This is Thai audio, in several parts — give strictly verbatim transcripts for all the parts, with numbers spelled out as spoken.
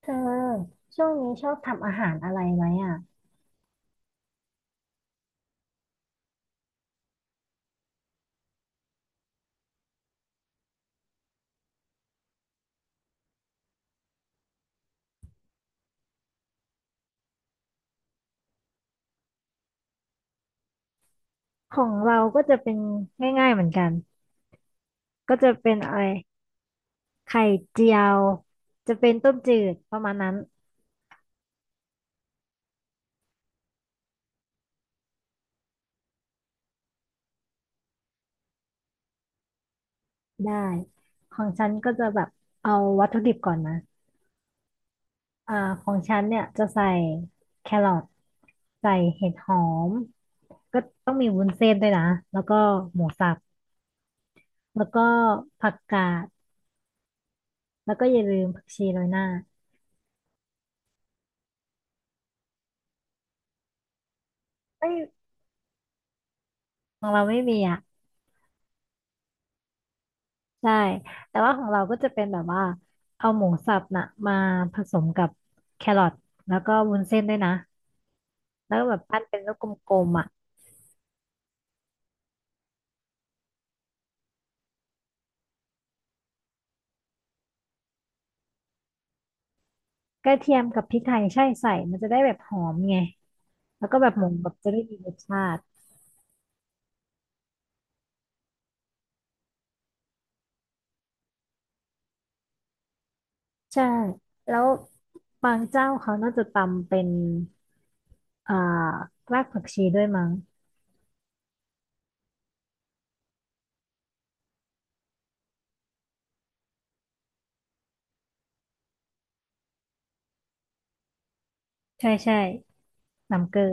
เธอช่วงนี้ชอบทำอาหารอะไรไหมอ่ะของเราก็จะเป็นง่ายๆเหมือนกันก็จะเป็นอะไรไข่เจียวจะเป็นต้มจืดประมาณนั้นได้ของฉันก็จะแบบเอาวัตถุดิบก่อนนะอ่าของฉันเนี่ยจะใส่แครอทใส่เห็ดหอมก็ต้องมีวุ้นเส้นด้วยนะแล้วก็หมูสับแล้วก็ผักกาดแล้วก็อย่าลืมผักชีโรยหน้าเอ้ยของเราไม่มีอ่ะ ใช่ แต่ว่าของเราก็จะเป็นแบบว่าเอาหมูสับน่ะมาผสมกับแครอทแล้วก็วุ้นเส้นด้วยนะ แล้วก็แบบปั้นเป็นลูกกลมๆอ่ะกระเทียมกับพริกไทยใช่ใส่มันจะได้แบบหอมไงแล้วก็แบบหมูแบบจะได้มีรสชาติ ใช่ แล้วบางเจ้าเขาน่าจะตำเป็นอ่ารากผักชีด้วยมั้งใช่ใช่น้ำเกลือ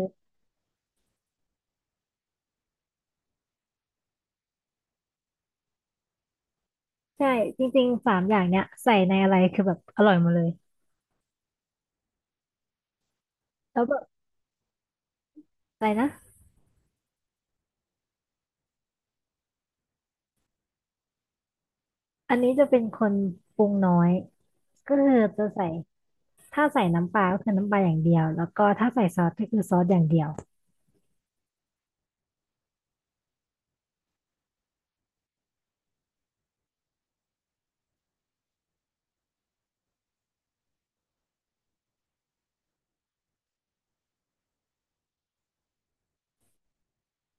ใช่จริงๆสามอย่างเนี้ยใส่ในอะไรคือแบบอร่อยหมดเลยแล้วแบบอะไรนะอันนี้จะเป็นคนปรุงน้อย ก็คือจะใส่ถ้าใส่น้ำปลาก็คือน้ำปลาอย่างเดียวแล้วก็ถ้าใส่ซอสก็คือซอสอย่างเดียว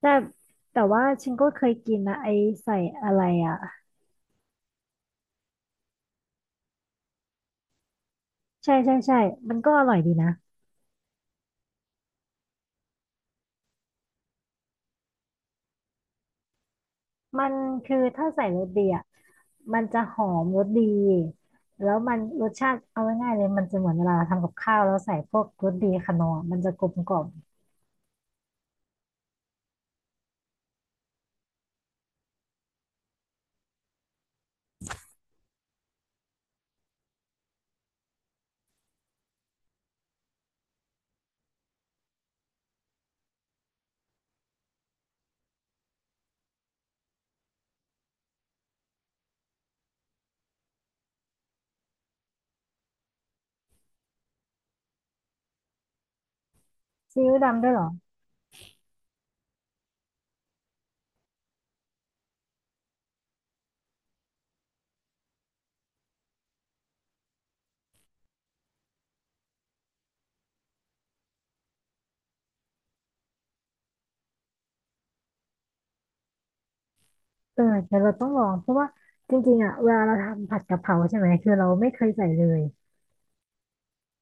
แต่แต่ว่าฉันก็เคยกินนะไอใส่อะไรอ่ะใช่ใช่ใช่มันก็อร่อยดีนะมันคือถ้าใส่รสดีอ่ะมันจะหอมรสดีแล้วมันรสชาติเอาง่ายๆเลยมันจะเหมือนเวลาเราทำกับข้าวแล้วใส่พวกรสดีขนอร์มันจะกลมกล่อมซีอิ๊วดำด้วยเหรอเออเดี๋ยวเราต้องลองเพราะว่าจริงๆอ่ะเวลาเราทำผัดกะเพราใช่ไหมคือเราไม่เคยใส่เลย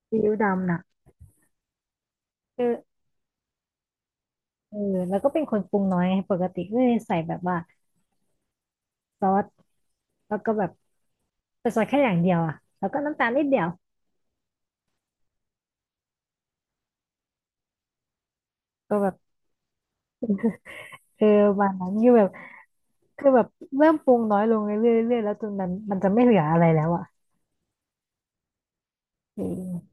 ซีอิ๊วดำน่ะเออ เออแล้วก็เป็นคนปรุงน้อยไงปกติก็เลยใส่แบบว่าซอสแล้วก็แบบเป็่ซอสแค่อย่างเดียวอะแล้วก็น้ำตาลนิดเดียวก็แบบเออวันนั้นคือแบบคือแบบเริ่มปรุงน้อยลงเรื่อยๆเรื่อยๆแล้วจนมันมันจะไม่เหลืออะไรแล้วอะเออ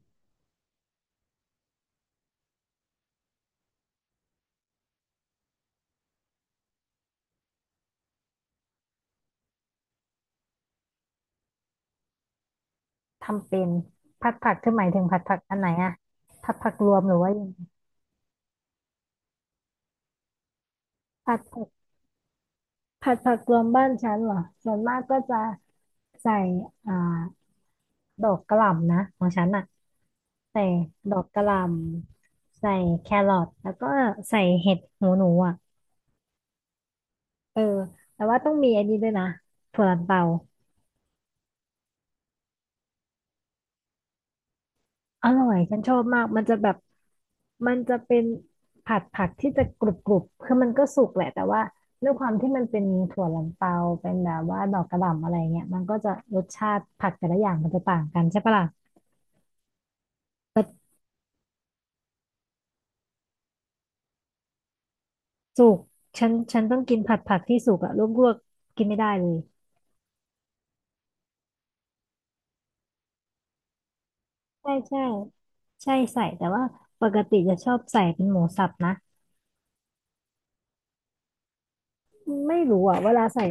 ทำเป็นผัดผักคือหมายถึงผัดผักอันไหนอะผัดผักรวมหรือว่ายังไงผัดผักผัดผักรวมบ้านฉันเหรอส่วนมากก็จะใส่อ่าดอกกะหล่ำนะของฉันอะ ใส่ดอกกะหล่ำใส่แครอทแล้วก็ใส่เห็ดหูหนูอ่ะเออแต่ว่าต้องมีอันนี้ด้วยนะถั่วลันเตาอร่อยฉันชอบมากมันจะแบบมันจะเป็นผัดผักที่จะกรุบกรุบคือมันก็สุกแหละแต่ว่าด้วยความที่มันเป็นถั่วลันเตาเป็นแบบว่าดอกกระหล่ำอะไรเงี้ยมันก็จะรสชาติผักแต่ละอย่างมันจะต่างกันใช่ปะล่ะแต่สุกฉันฉันต้องกินผัดผักที่สุกอะลวกๆกินไม่ได้เลยใช่ใช่ ใช่ใส่แต่ว่าปกติจะชอบใส่เป็นหมูสับนะไม่รู้อ่ะเวลาใส่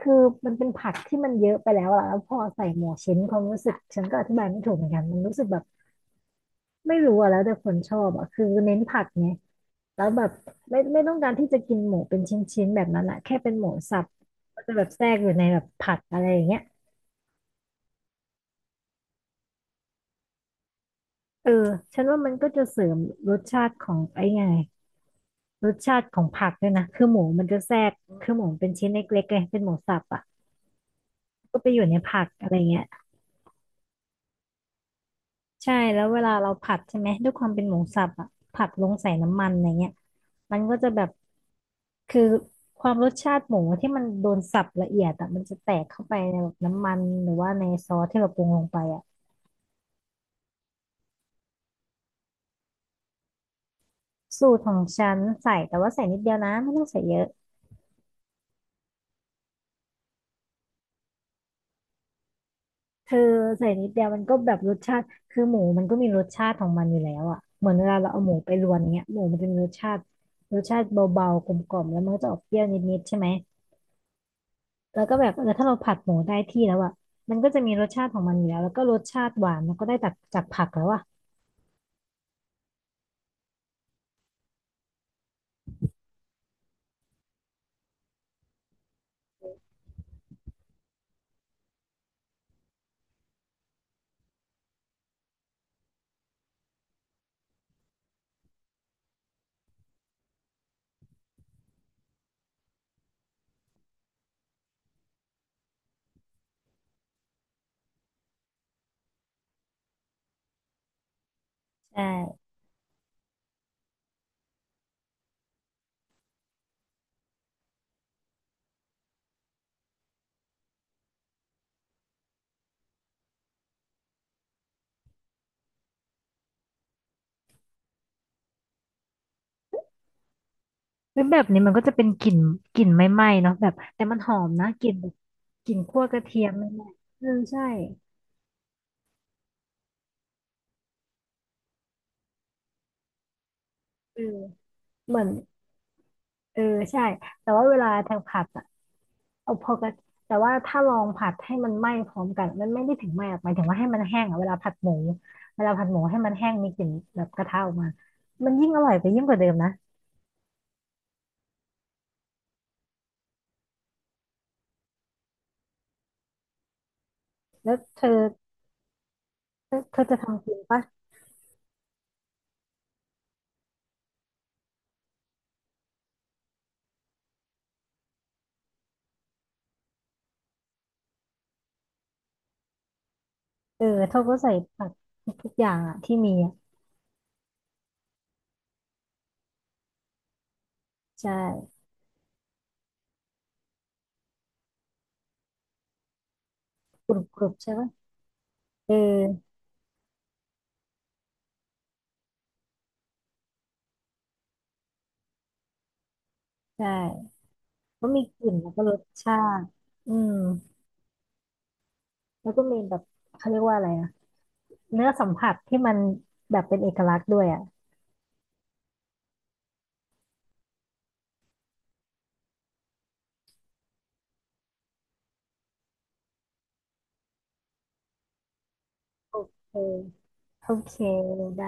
คือมันเป็นผักที่มันเยอะไปแล้วอะแล้วพอใส่หมูชิ้นความรู้สึกฉันก็อธิบายไม่ถูกเหมือนกันมันรู้สึกแบบไม่รู้อ่ะแล้วแต่คนชอบอ่ะคือเน้นผักไงแล้วแบบไม่ไม่ต้องการที่จะกินหมูเป็นชิ้นๆแบบนั้นอะแค่เป็นหมูสับก็จะแบบแทรกอยู่ในแบบผักอะไรอย่างเงี้ยเออฉันว่ามันก็จะเสริมรสชาติของไอ้ไงรสชาติของผักด้วยนะคือหมูมันจะแทรกคือหมูมันเป็นชิ้นเล็กๆไงเป็นหมูสับอ่ะ ก็ไปอยู่ในผักอะไรเงี้ยใช่แล้วเวลาเราผัดใช่ไหมด้วยความเป็นหมูสับอ่ะผัดลงใส่น้ำมันอะไรเงี้ยมันก็จะแบบคือความรสชาติหมูที่มันโดนสับละเอียดอ่ะมันจะแตกเข้าไปในแบบน้ำมันหรือว่าในซอสที่เราปรุงลงไปอ่ะสูตรของฉันใส่แต่ว่าใส่นิดเดียวนะไม่ต้องใส่เยอะเธอใส่นิดเดียวมันก็แบบรสชาติคือหมูมันก็มีรสชาติของมันอยู่แล้วอ่ะเหมือนเวลาเราเอาหมูไปรวนเงี้ยหมูมันจะมีรสชาติรสชาติเบาๆกลมๆแล้วมันก็จะออกเปรี้ยวนิดๆใช่ไหม แล้วก็แบบเออถ้าเราผัดหมูได้ที่แล้วอ่ะมันก็จะมีรสชาติของมันอยู่แล้วแล้วก็รสชาติหวานมันก็ได้จากจากผักแล้วอ่ะใช่เฮ้ยแบบนี้มันก็จะเป็นกลิ่นกลิ่นไม่ไหม้เนาะแบบแต่มันหอมนะกลิ่นแบบกลิ่นคั่วกระเทียมไม่ไหม้เออใช่เออเหมือนเออใช่แต่ว่าเวลาทางผัดอ่ะเอาพอกระแต่ว่าถ้าลองผัดให้มันไหม้พร้อมกันมันไม่ได้ถึงไหม้หรอกหมายถึงว่าให้มันแห้งอ่ะเวลาผัดหมูเวลาผัดหมูให้มันแห้งมีกลิ่นแบบกระทะออกมามันยิ่งอร่อยไปยิ่งกว่าเดิมนะแล้วเธอ เธอเธอจะทำกินปะเออเธอก็ใส่ผักทุกอย่างอะที่มีอะใช่กรุบกรุบใช่ปะเออใช่ก็มีกลิ่นแล้วก็รสชาติอืมแล้วก็มีแบบเขาเรียกว่าอะไรอ่ะเนื้อสัมผัสที่มันแบบเป็นเอกลักษณ์ด้วยอ่ะโอเคโอเคได้